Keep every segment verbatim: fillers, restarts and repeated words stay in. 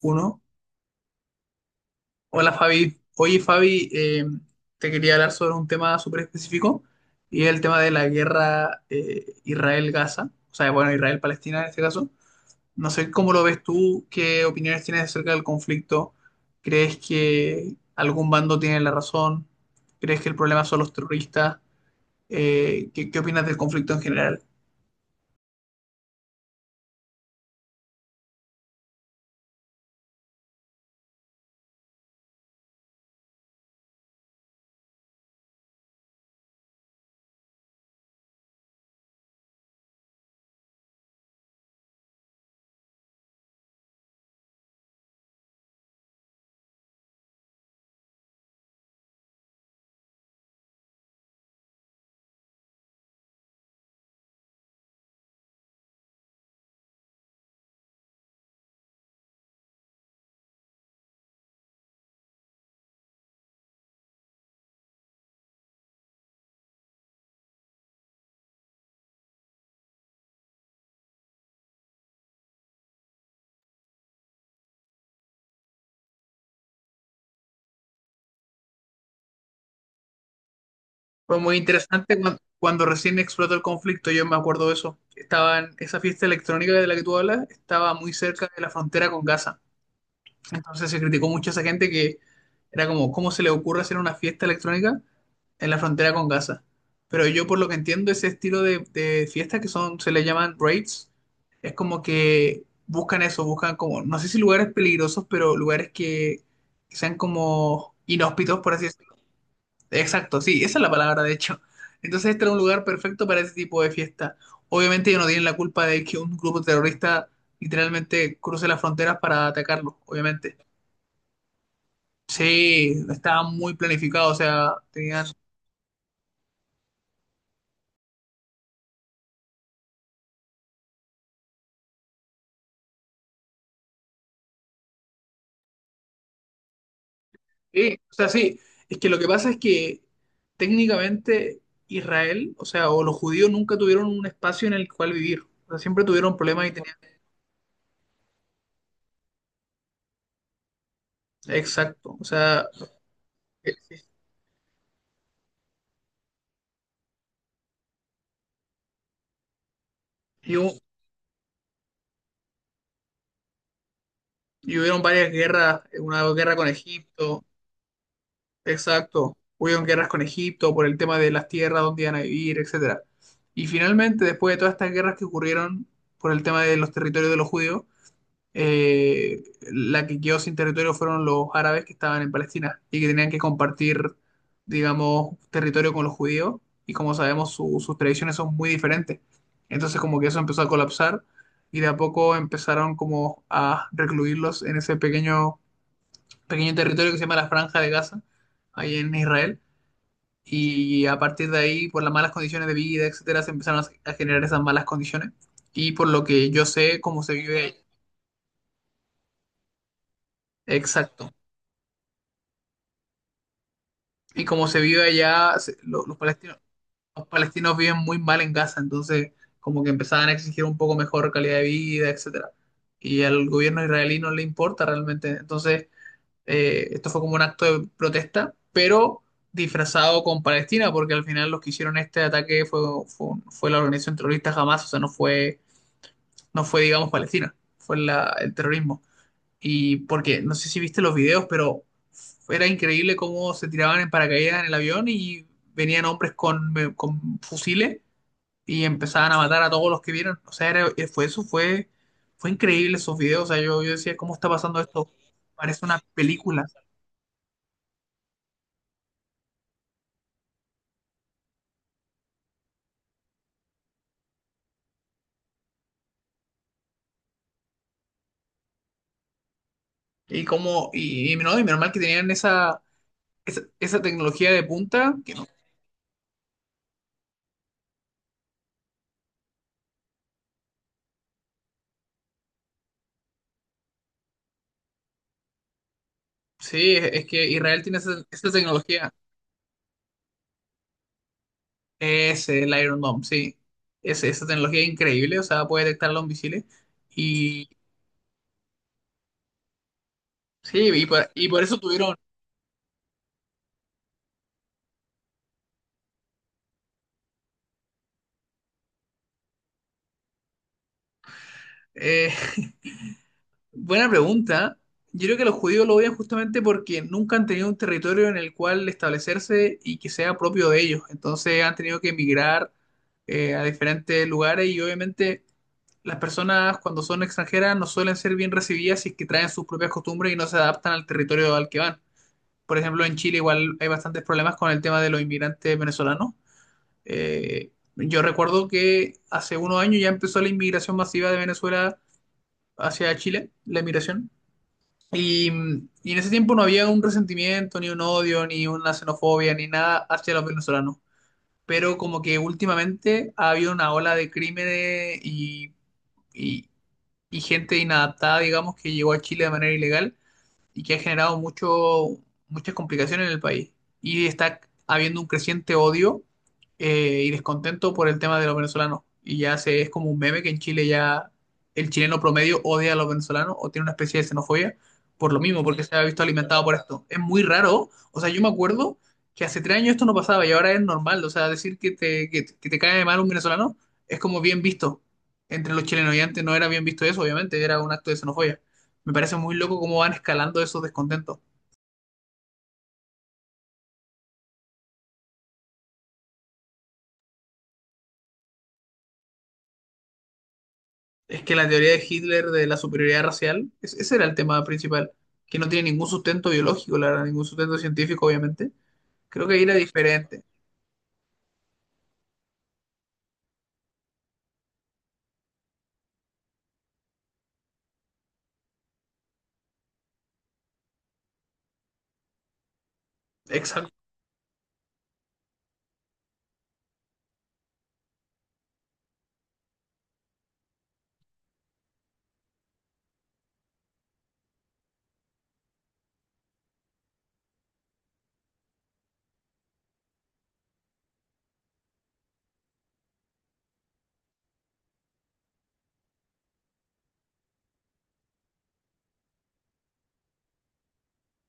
Uno. Hola Fabi. Oye Fabi, eh, te quería hablar sobre un tema súper específico y el tema de la guerra, eh, Israel-Gaza, o sea, bueno, Israel-Palestina en este caso. No sé cómo lo ves tú, qué opiniones tienes acerca del conflicto. ¿Crees que algún bando tiene la razón? ¿Crees que el problema son los terroristas? Eh, ¿qué, qué opinas del conflicto en general? Fue muy interesante cuan- cuando recién explotó el conflicto. Yo me acuerdo de eso. Estaba en esa fiesta electrónica de la que tú hablas, estaba muy cerca de la frontera con Gaza. Entonces se criticó mucho a esa gente que era como: ¿cómo se le ocurre hacer una fiesta electrónica en la frontera con Gaza? Pero yo, por lo que entiendo, ese estilo de, de fiestas que son, se le llaman raids, es como que buscan eso, buscan como, no sé, si lugares peligrosos, pero lugares que sean como inhóspitos, por así decirlo. Exacto, sí, esa es la palabra, de hecho. Entonces, este era un lugar perfecto para ese tipo de fiesta. Obviamente, ellos no tienen la culpa de que un grupo terrorista literalmente cruce las fronteras para atacarlos, obviamente. Sí, estaba muy planificado, o sea, tenían... Sí, o sea, sí, es que lo que pasa es que técnicamente Israel, o sea, o los judíos nunca tuvieron un espacio en el cual vivir. O sea, siempre tuvieron problemas y tenían... Exacto, o sea, eh, y, hu- y hubieron varias guerras, una guerra con Egipto. Exacto. Hubieron guerras con Egipto por el tema de las tierras, dónde iban a vivir, etcétera. Y finalmente, después de todas estas guerras que ocurrieron por el tema de los territorios de los judíos, eh, la que quedó sin territorio fueron los árabes que estaban en Palestina y que tenían que compartir, digamos, territorio con los judíos. Y como sabemos, su- sus tradiciones son muy diferentes. Entonces, como que eso empezó a colapsar y de a poco empezaron como a recluirlos en ese pequeño pequeño territorio que se llama la Franja de Gaza, ahí en Israel. Y a partir de ahí, por las malas condiciones de vida, etcétera, se empezaron a a generar esas malas condiciones. Y por lo que yo sé, cómo se vive, exacto. Y cómo se vive allá, se- lo- los palestinos, los palestinos viven muy mal en Gaza, entonces como que empezaban a exigir un poco mejor calidad de vida, etcétera. Y al gobierno israelí no le importa realmente. Entonces, eh, esto fue como un acto de protesta, pero disfrazado con Palestina, porque al final los que hicieron este ataque fue, fue, fue la organización terrorista Hamas, o sea, no fue, no fue, digamos, Palestina, fue la- el terrorismo. Y porque, no sé si viste los videos, pero era increíble cómo se tiraban en paracaídas en el avión y venían hombres con, con fusiles y empezaban a matar a todos los que vieron. O sea, era- fue eso, fue, fue increíble esos videos. O sea, yo, yo decía: ¿cómo está pasando esto? Parece una película. Y como, y, y no, y menos mal que tenían esa, esa, esa, tecnología de punta. Que no. Sí, es es que Israel tiene esa, esa tecnología. Es el Iron Dome, sí. Es esa tecnología increíble, o sea, puede detectar los misiles. Y sí, y por, y por eso tuvieron. eh, buena pregunta. Yo creo que los judíos lo odian justamente porque nunca han tenido un territorio en el cual establecerse y que sea propio de ellos. Entonces han tenido que emigrar, eh, a diferentes lugares, y obviamente las personas, cuando son extranjeras, no suelen ser bien recibidas si es que traen sus propias costumbres y no se adaptan al territorio al que van. Por ejemplo, en Chile igual hay bastantes problemas con el tema de los inmigrantes venezolanos. Eh, yo recuerdo que hace unos años ya empezó la inmigración masiva de Venezuela hacia Chile, la inmigración. Y, y en ese tiempo no había un resentimiento, ni un odio, ni una xenofobia, ni nada hacia los venezolanos. Pero como que últimamente ha habido una ola de crímenes y y, y gente inadaptada, digamos, que llegó a Chile de manera ilegal y que ha generado mucho, muchas complicaciones en el país. Y está habiendo un creciente odio eh, y descontento por el tema de los venezolanos. Y ya se, es como un meme que en Chile ya el chileno promedio odia a los venezolanos o tiene una especie de xenofobia por lo mismo, porque se ha visto alimentado por esto. Es muy raro. O sea, yo me acuerdo que hace tres años esto no pasaba y ahora es normal. O sea, decir que te, que, que te cae mal un venezolano es como bien visto entre los chilenos, y antes no era bien visto eso, obviamente, era un acto de xenofobia. Me parece muy loco cómo van escalando esos descontentos. Es que la teoría de Hitler de la superioridad racial, es- ese era el tema principal, que no tiene ningún sustento biológico, la verdad, ningún sustento científico, obviamente. Creo que ahí era diferente. Exacto,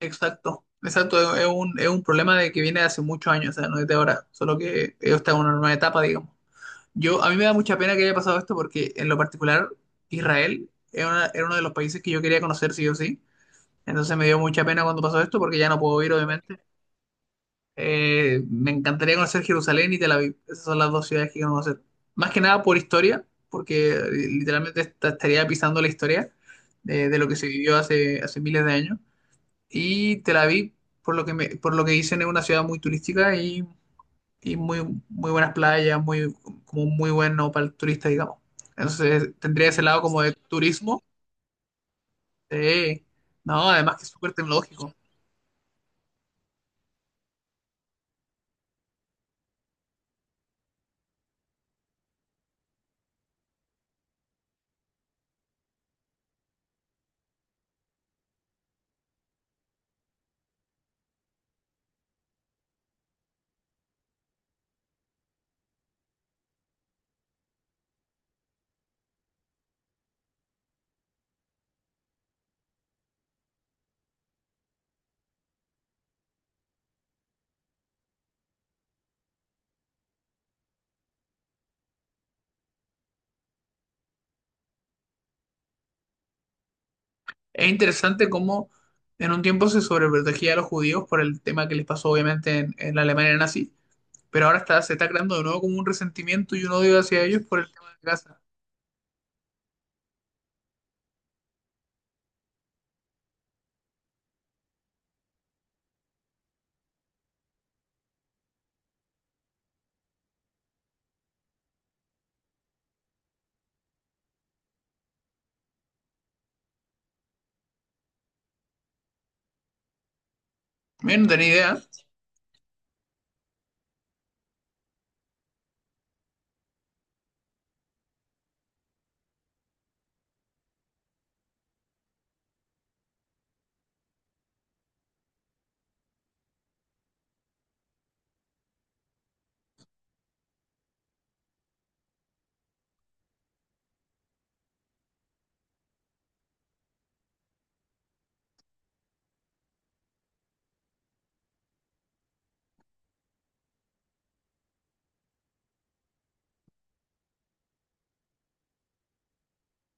exacto. Exacto, es es un, es un problema de que viene de hace muchos años, o sea, no es de ahora, solo que está en una nueva etapa, digamos. Yo, a mí me da mucha pena que haya pasado esto, porque en lo particular Israel era, una- era uno de los países que yo quería conocer sí o sí. Entonces me dio mucha pena cuando pasó esto, porque ya no puedo ir, obviamente. Eh, me encantaría conocer Jerusalén y Tel Aviv. Esas son las dos ciudades que quiero conocer. Más que nada por historia, porque, eh, literalmente esta- estaría pisando la historia de, de lo que se vivió hace, hace, miles de años. Y Tel Aviv, por lo que me- por lo que dicen, es una ciudad muy turística y, y muy, muy buenas playas, muy, como un muy bueno para el turista, digamos. Entonces tendría ese lado como de turismo. Sí, no, además que es súper tecnológico. Es interesante cómo en un tiempo se sobreprotegía a los judíos por el tema que les pasó obviamente en, en la Alemania nazi, pero ahora está, se está creando de nuevo como un resentimiento y un odio hacia ellos por el tema de Gaza. Bien, no tenía idea.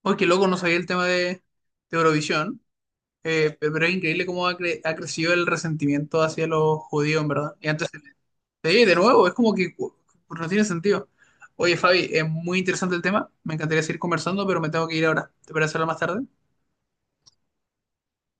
Oye, qué loco, no sabía el tema de, de Eurovisión, eh, pe- pero es increíble cómo ha, cre- ha crecido el resentimiento hacia los judíos, en verdad. Y antes, sí, de nuevo, es como que cu- no tiene sentido. Oye, Fabi, es muy interesante el tema, me encantaría seguir conversando, pero me tengo que ir ahora. ¿Te parece hablar más tarde?